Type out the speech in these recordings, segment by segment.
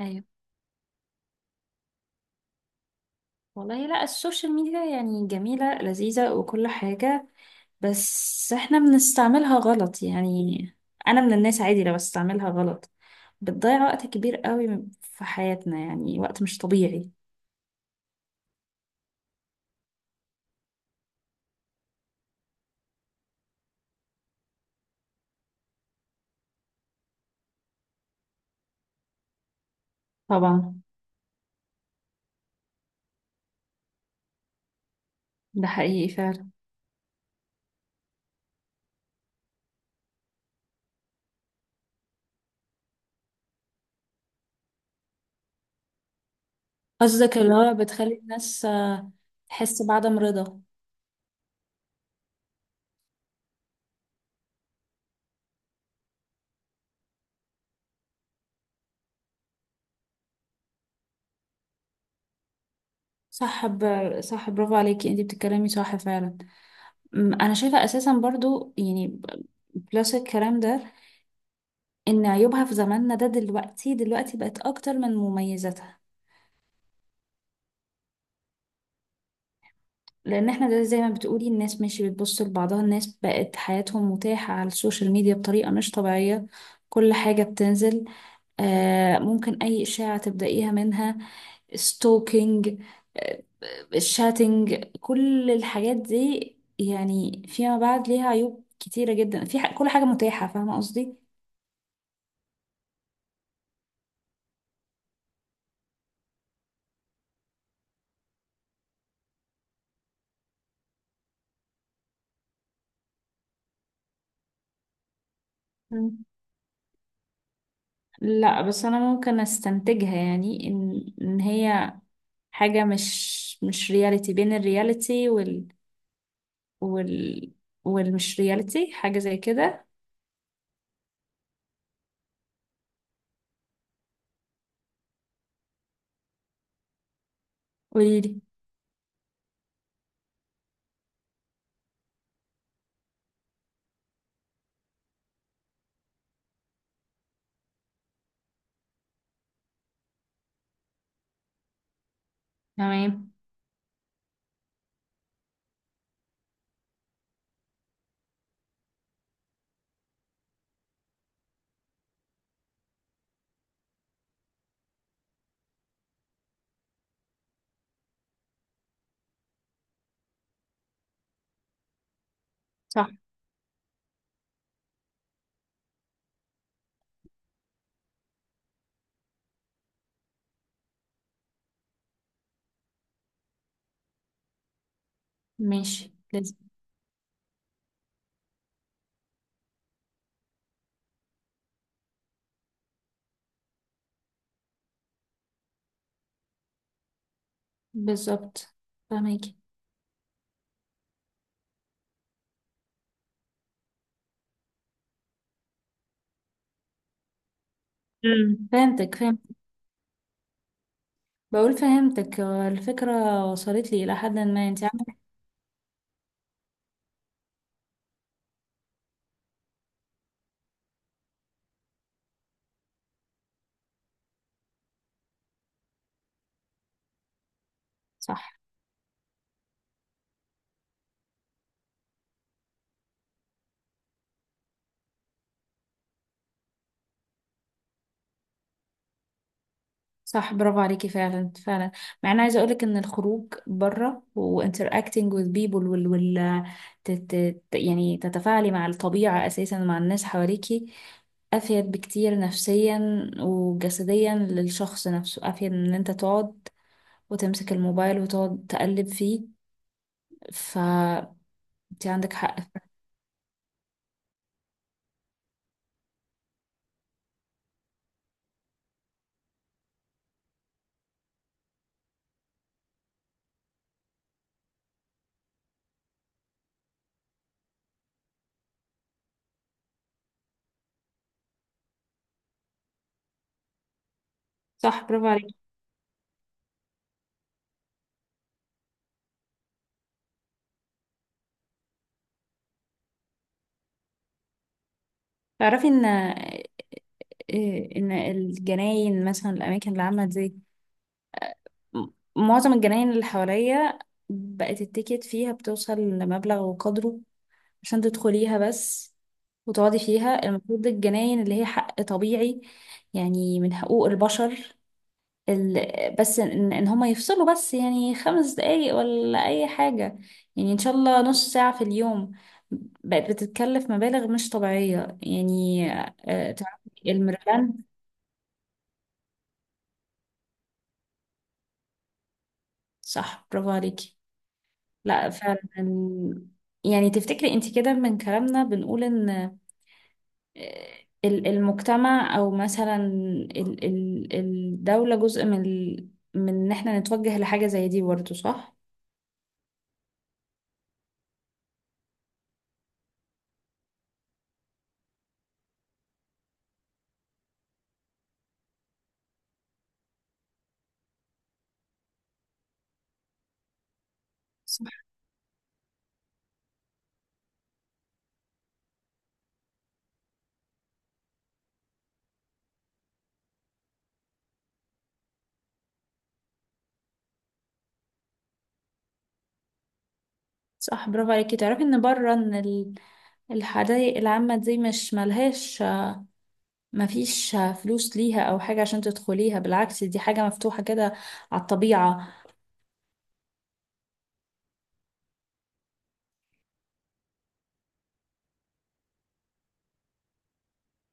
ايوه. والله لا، السوشيال ميديا يعني جميلة لذيذة وكل حاجة، بس احنا بنستعملها غلط يعني. انا من الناس عادي لو بستعملها غلط، بتضيع وقت كبير قوي في حياتنا، يعني وقت مش طبيعي. طبعا. ده حقيقي فعلا. قصدك اللي هو بتخلي الناس تحس بعدم رضا. صح ب... صح، برافو عليكي، انتي بتتكلمي صح فعلا. انا شايفة اساسا برضو يعني بلس الكلام ده، ان عيوبها في زماننا ده دلوقتي بقت اكتر من مميزاتها. لان احنا ده زي ما بتقولي، الناس ماشي بتبص لبعضها، الناس بقت حياتهم متاحة على السوشيال ميديا بطريقة مش طبيعية. كل حاجة بتنزل. آه، ممكن اي اشاعة تبدأيها منها، ستوكينج، آه، الشاتنج، كل الحاجات دي، يعني فيما بعد ليها عيوب كتيرة جدا، في كل حاجة متاحة، فاهمة قصدي. لا بس انا ممكن استنتجها، يعني ان هي حاجة مش رياليتي، بين الرياليتي وال وال والمش رياليتي، حاجة زي كده. قوليلي. تمام. صح. ماشي. لازم. بالظبط. فهميكي. امم، فهمتك، فهمت. بقول فهمتك، الفكرة وصلت لي إلى حد ما انت عاملة. صح. صح برافو عليكي فعلا فعلا. مع اني عايزه اقولك ان الخروج بره وانتراكتنج وذ بيبل وال وال يعني تتفاعلي مع الطبيعه اساسا، مع الناس حواليكي، افيد بكتير نفسيا وجسديا للشخص نفسه، افيد من ان انت تقعد وتمسك الموبايل وتقعد تقلب فيه. فانت عندك حق. صح برافو عليكي. تعرفي ان ان الجناين مثلا، الاماكن اللي عامله زي معظم الجناين اللي حواليا، بقت التيكت فيها بتوصل لمبلغ وقدره عشان تدخليها بس وتقعدي فيها. المفروض الجناين اللي هي حق طبيعي، يعني من حقوق البشر. بس ان, إن هما يفصلوا بس يعني 5 دقايق ولا اي حاجة، يعني ان شاء الله نص ساعة في اليوم، بقت بتتكلف مبالغ مش طبيعية يعني. تعرفي الميرلاند. صح برافو عليكي. لا فعلا. يعني تفتكري انت كده، من كلامنا بنقول ان آه، المجتمع او مثلا الدولة جزء من من ان احنا نتوجه لحاجة زي دي برضه، صح؟ صح. صح برافو عليكي. تعرفي ان بره ان الحدائق العامة دي مش ملهاش، مفيش فلوس ليها او حاجة عشان تدخليها، بالعكس دي حاجة مفتوحة كده على الطبيعة.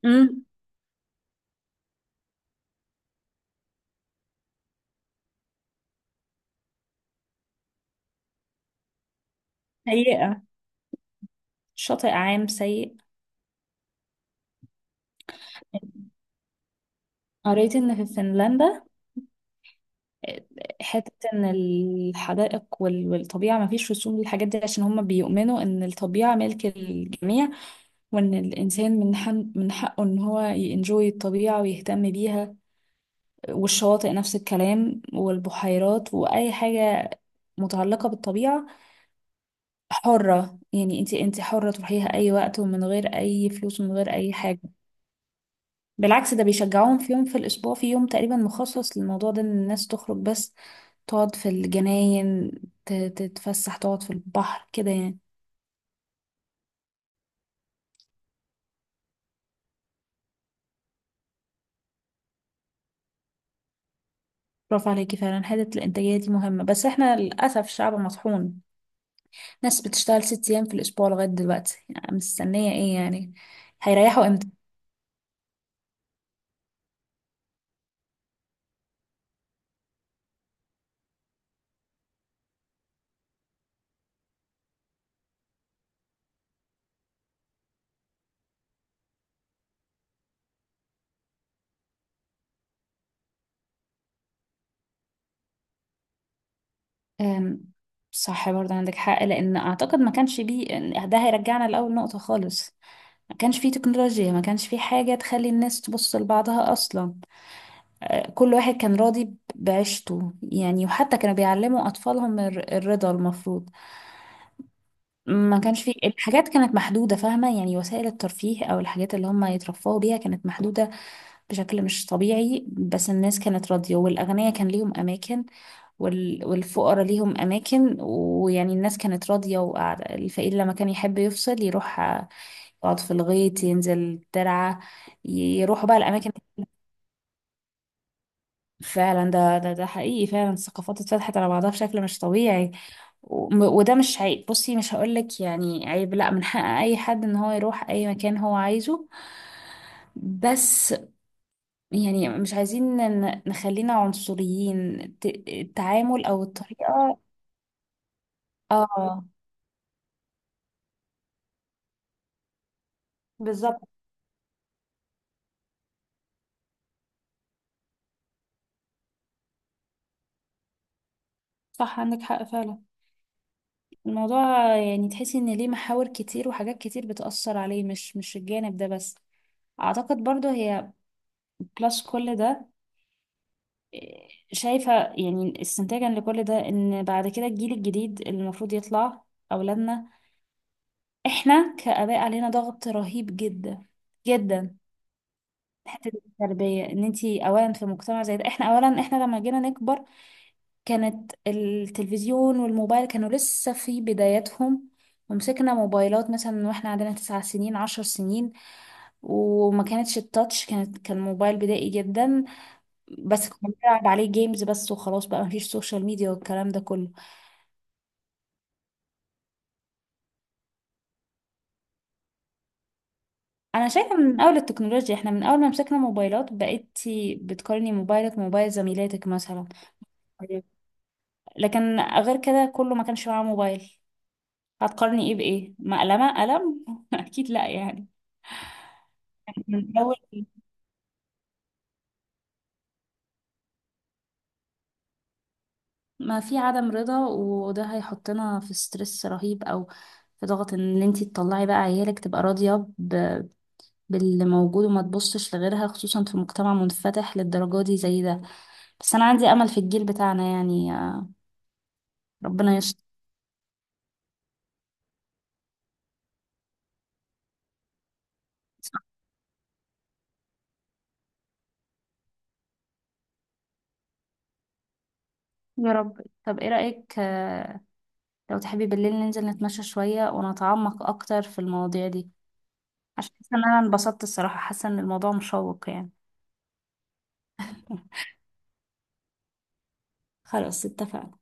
امم. سيئة. شاطئ عام سيء. قريت ان في فنلندا حتة ان الحدائق والطبيعة ما فيش رسوم للحاجات دي، عشان هم بيؤمنوا ان الطبيعة ملك الجميع، وان الانسان من حقه ان هو ينجوي الطبيعة ويهتم بيها. والشواطئ نفس الكلام، والبحيرات واي حاجة متعلقة بالطبيعة، حرة. يعني انت حرة تروحيها اي وقت، ومن غير اي فلوس ومن غير اي حاجة. بالعكس ده بيشجعوهم، في يوم في الأسبوع، في يوم تقريبا مخصص للموضوع ده، إن الناس تخرج بس تقعد في الجناين، تتفسح، تقعد في البحر كده يعني. برافو عليكي فعلا، حتة الإنتاجية دي مهمة. بس احنا للأسف شعب مطحون، ناس بتشتغل 6 أيام في الأسبوع لغاية دلوقتي يعني، مستنية ايه يعني، هيريحوا امتى. أم، صح برضه عندك حق، لأن أعتقد ما كانش بيه ده هيرجعنا لأول نقطة خالص. ما كانش فيه تكنولوجيا، ما كانش فيه حاجة تخلي الناس تبص لبعضها أصلا. كل واحد كان راضي بعيشته يعني، وحتى كانوا بيعلموا أطفالهم الرضا المفروض. ما كانش في الحاجات، كانت محدودة، فاهمة يعني، وسائل الترفيه أو الحاجات اللي هم يترفهوا بيها كانت محدودة بشكل مش طبيعي. بس الناس كانت راضية، والأغنياء كان ليهم أماكن والفقراء ليهم أماكن، ويعني الناس كانت راضية وقاعدة. الفقير لما كان يحب يفصل يروح يقعد في الغيط، ينزل الترعة، يروحوا بقى الأماكن. فعلا ده حقيقي فعلا. الثقافات اتفتحت على بعضها بشكل مش طبيعي. وده مش عيب، بصي مش هقولك يعني عيب، لا، من حق اي حد ان هو يروح اي مكان هو عايزه. بس يعني مش عايزين نخلينا عنصريين، التعامل او الطريقة. اه. بالظبط. صح عندك حق فعلا. الموضوع يعني تحسي ان ليه محاور كتير وحاجات كتير بتأثر عليه، مش الجانب ده بس. اعتقد برضو هي بلس كل ده، شايفة يعني استنتاجا لكل ده ان بعد كده الجيل الجديد اللي المفروض يطلع، اولادنا، احنا كآباء علينا ضغط رهيب جدا جدا، في حتة التربية. ان انتي اولا في مجتمع زي ده، احنا اولا احنا لما جينا نكبر كانت التلفزيون والموبايل كانوا لسه في بداياتهم، ومسكنا موبايلات مثلا واحنا عندنا 9 سنين 10 سنين، وما كانتش التاتش، كانت كان موبايل بدائي جدا، بس كنا بنلعب عليه جيمز بس وخلاص، بقى مفيش سوشيال ميديا والكلام ده كله. انا شايفه من اول التكنولوجيا، احنا من اول ما مسكنا موبايلات بقيتي بتقارني موبايلك بموبايل زميلاتك مثلا. أيوة. لكن غير كده كله ما كانش معاه موبايل، هتقارني ايه بايه، مقلمه قلم اكيد لا يعني. من اول ما في عدم رضا، وده هيحطنا في ستريس رهيب، او في ضغط ان انتي تطلعي بقى عيالك تبقى راضيه باللي موجود وما تبصش لغيرها، خصوصا في مجتمع منفتح للدرجه دي زي ده. بس انا عندي امل في الجيل بتاعنا يعني، ربنا يستر. يا رب. طب ايه رأيك، لو تحبي بالليل ننزل نتمشى شوية ونتعمق اكتر في المواضيع دي، عشان حاسة ان انا انبسطت الصراحة، حاسة ان الموضوع مشوق يعني. خلاص اتفقنا.